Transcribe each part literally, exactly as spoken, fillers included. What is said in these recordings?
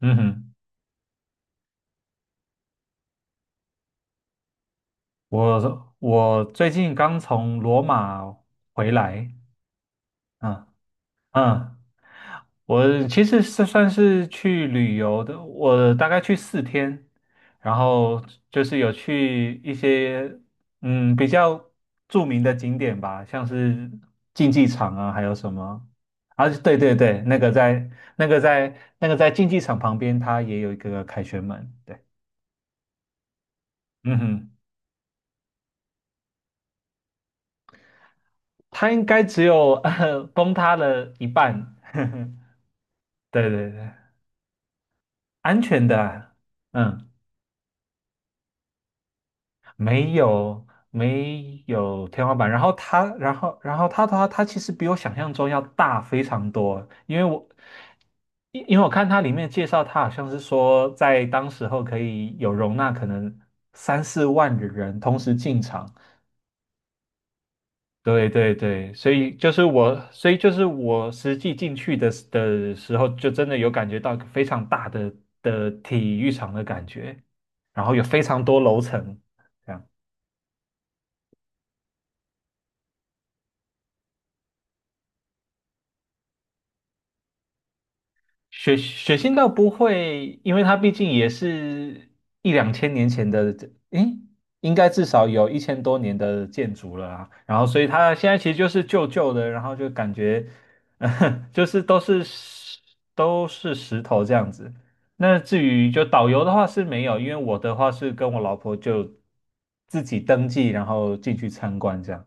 嗯哼，我我最近刚从罗马回来，嗯嗯，我其实是算是去旅游的，我大概去四天，然后就是有去一些嗯比较著名的景点吧，像是竞技场啊，还有什么啊？对对对，那个在那个在那个在竞技场旁边，它也有一个凯旋门，对，嗯哼。它应该只有呃崩塌了一半。对对对，安全的啊嗯，没有没有天花板。然后它，然后然后它它它其实比我想象中要大非常多，因为我因因为我看它里面介绍，它好像是说在当时候可以有容纳可能三四万的人同时进场，对对对，所以就是我，所以就是我实际进去的时的时候，就真的有感觉到非常大的的体育场的感觉，然后有非常多楼层，这样。血血腥倒不会，因为它毕竟也是一两千年前的，诶，应该至少有一千多年的建筑了啊。然后，所以它现在其实就是旧旧的，然后就感觉，就是都是石都是石头这样子。那至于就导游的话是没有，因为我的话是跟我老婆就自己登记，然后进去参观这样。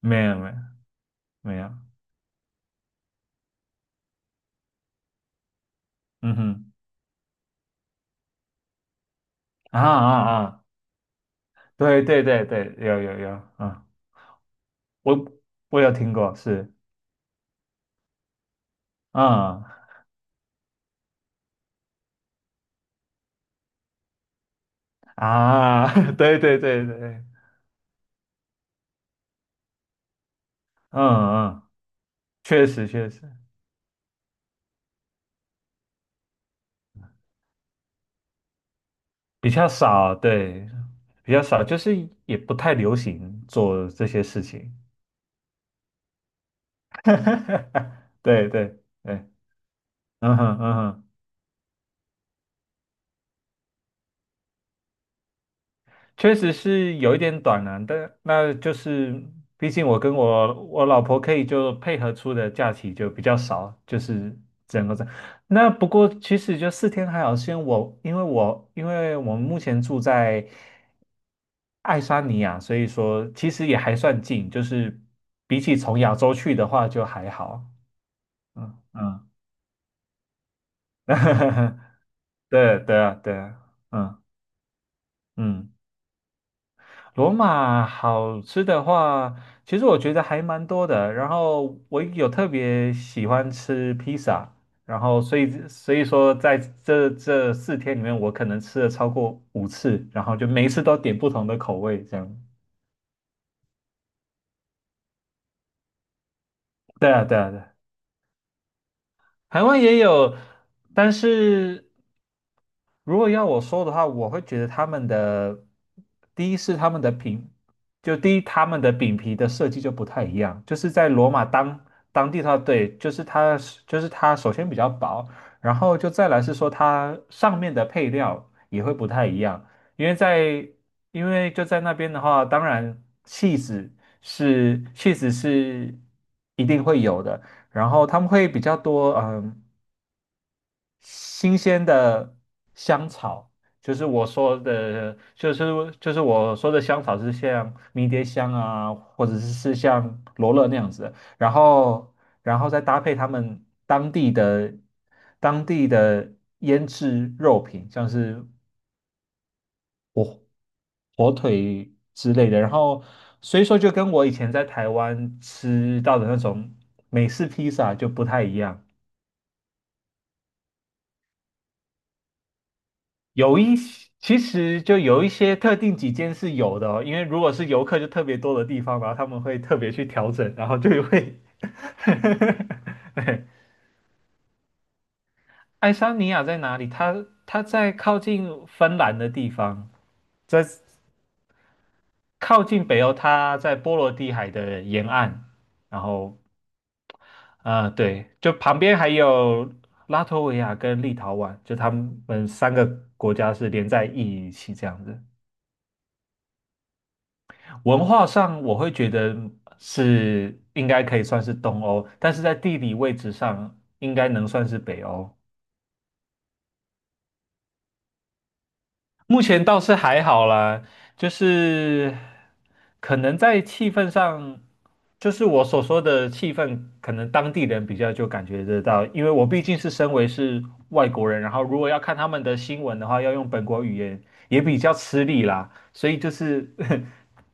没有没有没有，嗯哼，啊啊啊，对对对对，有有有，啊。我我有听过，是，嗯啊，对对对对，嗯嗯，确实确实比较少，对，比较少，就是也不太流行做这些事情，对对对，嗯哼嗯哼确实是有一点短了，但那就是毕竟我跟我我老婆可以就配合出的假期就比较少，就是整个这样那不过其实就四天还好，是因为我因为我因为我们目前住在爱沙尼亚，所以说其实也还算近，就是比起从亚洲去的话就还好。嗯嗯，对对啊对啊，嗯嗯。罗马好吃的话，其实我觉得还蛮多的。然后我有特别喜欢吃披萨，然后所以所以说在这这四天里面，我可能吃了超过五次，然后就每一次都点不同的口味这样。对啊，对啊，对啊台湾也有，但是。如果要我说的话，我会觉得他们的第一是他们的饼，就第一他们的饼皮的设计就不太一样，就是在罗马当当地的话，对，就是它是就是它首先比较薄，然后就再来是说它上面的配料也会不太一样，因为在因为就在那边的话，当然 cheese 是 cheese 是一定会有的，然后他们会比较多，嗯、新鲜的香草，就是我说的，就是就是我说的香草是像迷迭香啊，或者是是像罗勒那样子的然后然后再搭配他们当地的当地的腌制肉品，像是火火腿之类的，然后所以说就跟我以前在台湾吃到的那种美式披萨就不太一样。有一些，其实就有一些特定几间是有的哦，因为如果是游客就特别多的地方，然后他们会特别去调整，然后就会 对，爱沙尼亚在哪里？它它在靠近芬兰的地方，在靠近北欧，它在波罗的海的沿岸，然后呃，对，就旁边还有拉脱维亚跟立陶宛，就他们三个国家是连在一起这样子。文化上，我会觉得是应该可以算是东欧，但是在地理位置上，应该能算是北欧。目前倒是还好啦，就是可能在气氛上，就是我所说的气氛，可能当地人比较就感觉得到，因为我毕竟是身为是外国人，然后如果要看他们的新闻的话，要用本国语言也比较吃力啦，所以就是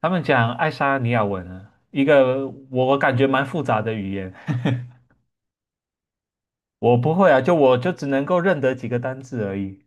他们讲爱沙尼亚文啊，一个我我感觉蛮复杂的语言，我不会啊，就我就只能够认得几个单字而已。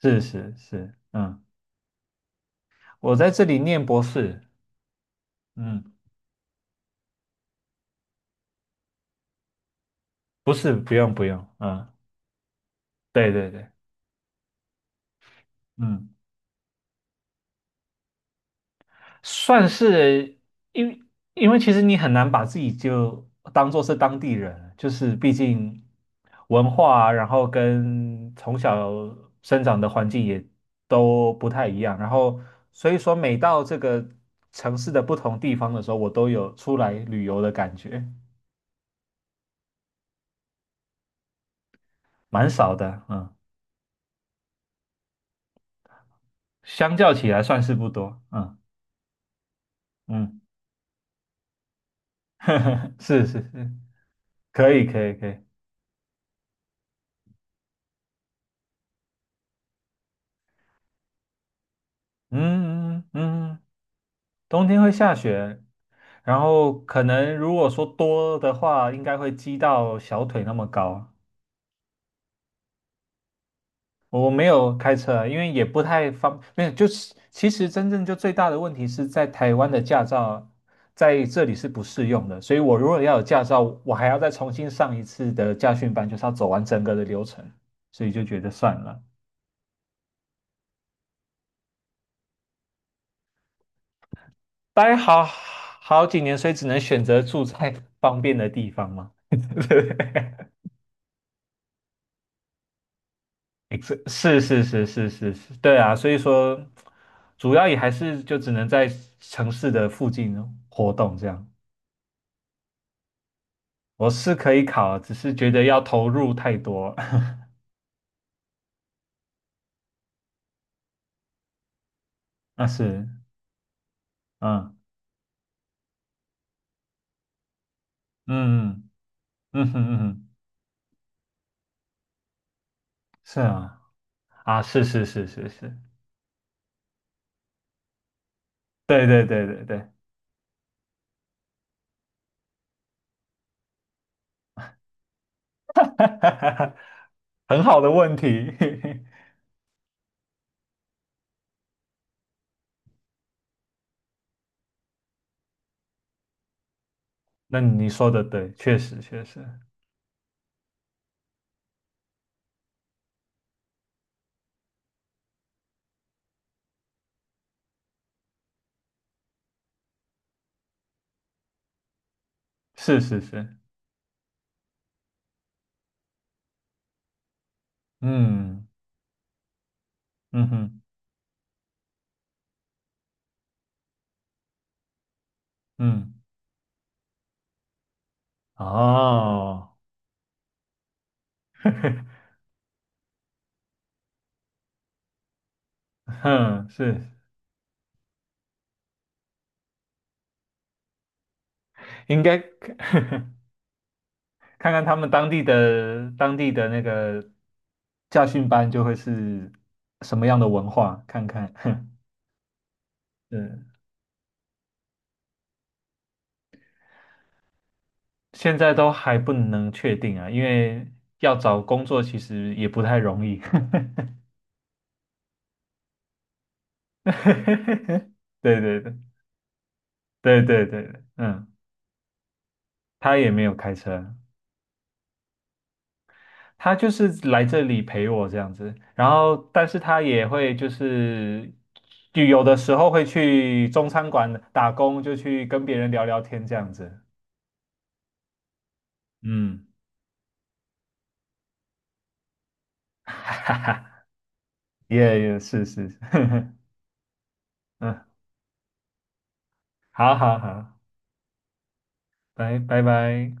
是是是，嗯，我在这里念博士，嗯，不是，不用不用，嗯，对对对，嗯。算是，因为因为其实你很难把自己就当做是当地人，就是毕竟文化啊然后跟从小生长的环境也都不太一样，然后所以说每到这个城市的不同地方的时候，我都有出来旅游的感觉，蛮少的，嗯，相较起来算是不多，嗯嗯，是是是，可以可以可以，嗯嗯嗯，嗯嗯冬天会下雪。然后可能如果说多的话，应该会积到小腿那么高。我没有开车啊因为也不太方，没有，就是其实真正就最大的问题是在台湾的驾照在这里是不适用的，所以我如果要有驾照，我还要再重新上一次的驾训班，就是要走完整个的流程，所以就觉得算了，待好好几年，所以只能选择住在 方便的地方嘛。对 ex- 是是是是是是，对啊，所以说主要也还是就只能在城市的附近活动这样。我是可以考，只是觉得要投入太多。那是，嗯嗯嗯嗯哼嗯哼是啊啊，是是是是是，对对对对对，很好的问题。那你说的对，确实确实是是是，嗯嗯哼嗯，哦。哼，是应该看看看他们当地的当地的那个驾训班就会是什么样的文化，看看。哼，嗯，现在都还不能确定啊，因为要找工作其实也不太容易。对对对对对对，对嗯，他也没有开车，他就是来这里陪我这样子，然后但是他也会就是就有的时候会去中餐馆打工，就去跟别人聊聊天这样子。嗯，哈哈哈，也也是是，嗯，好好好，拜拜拜。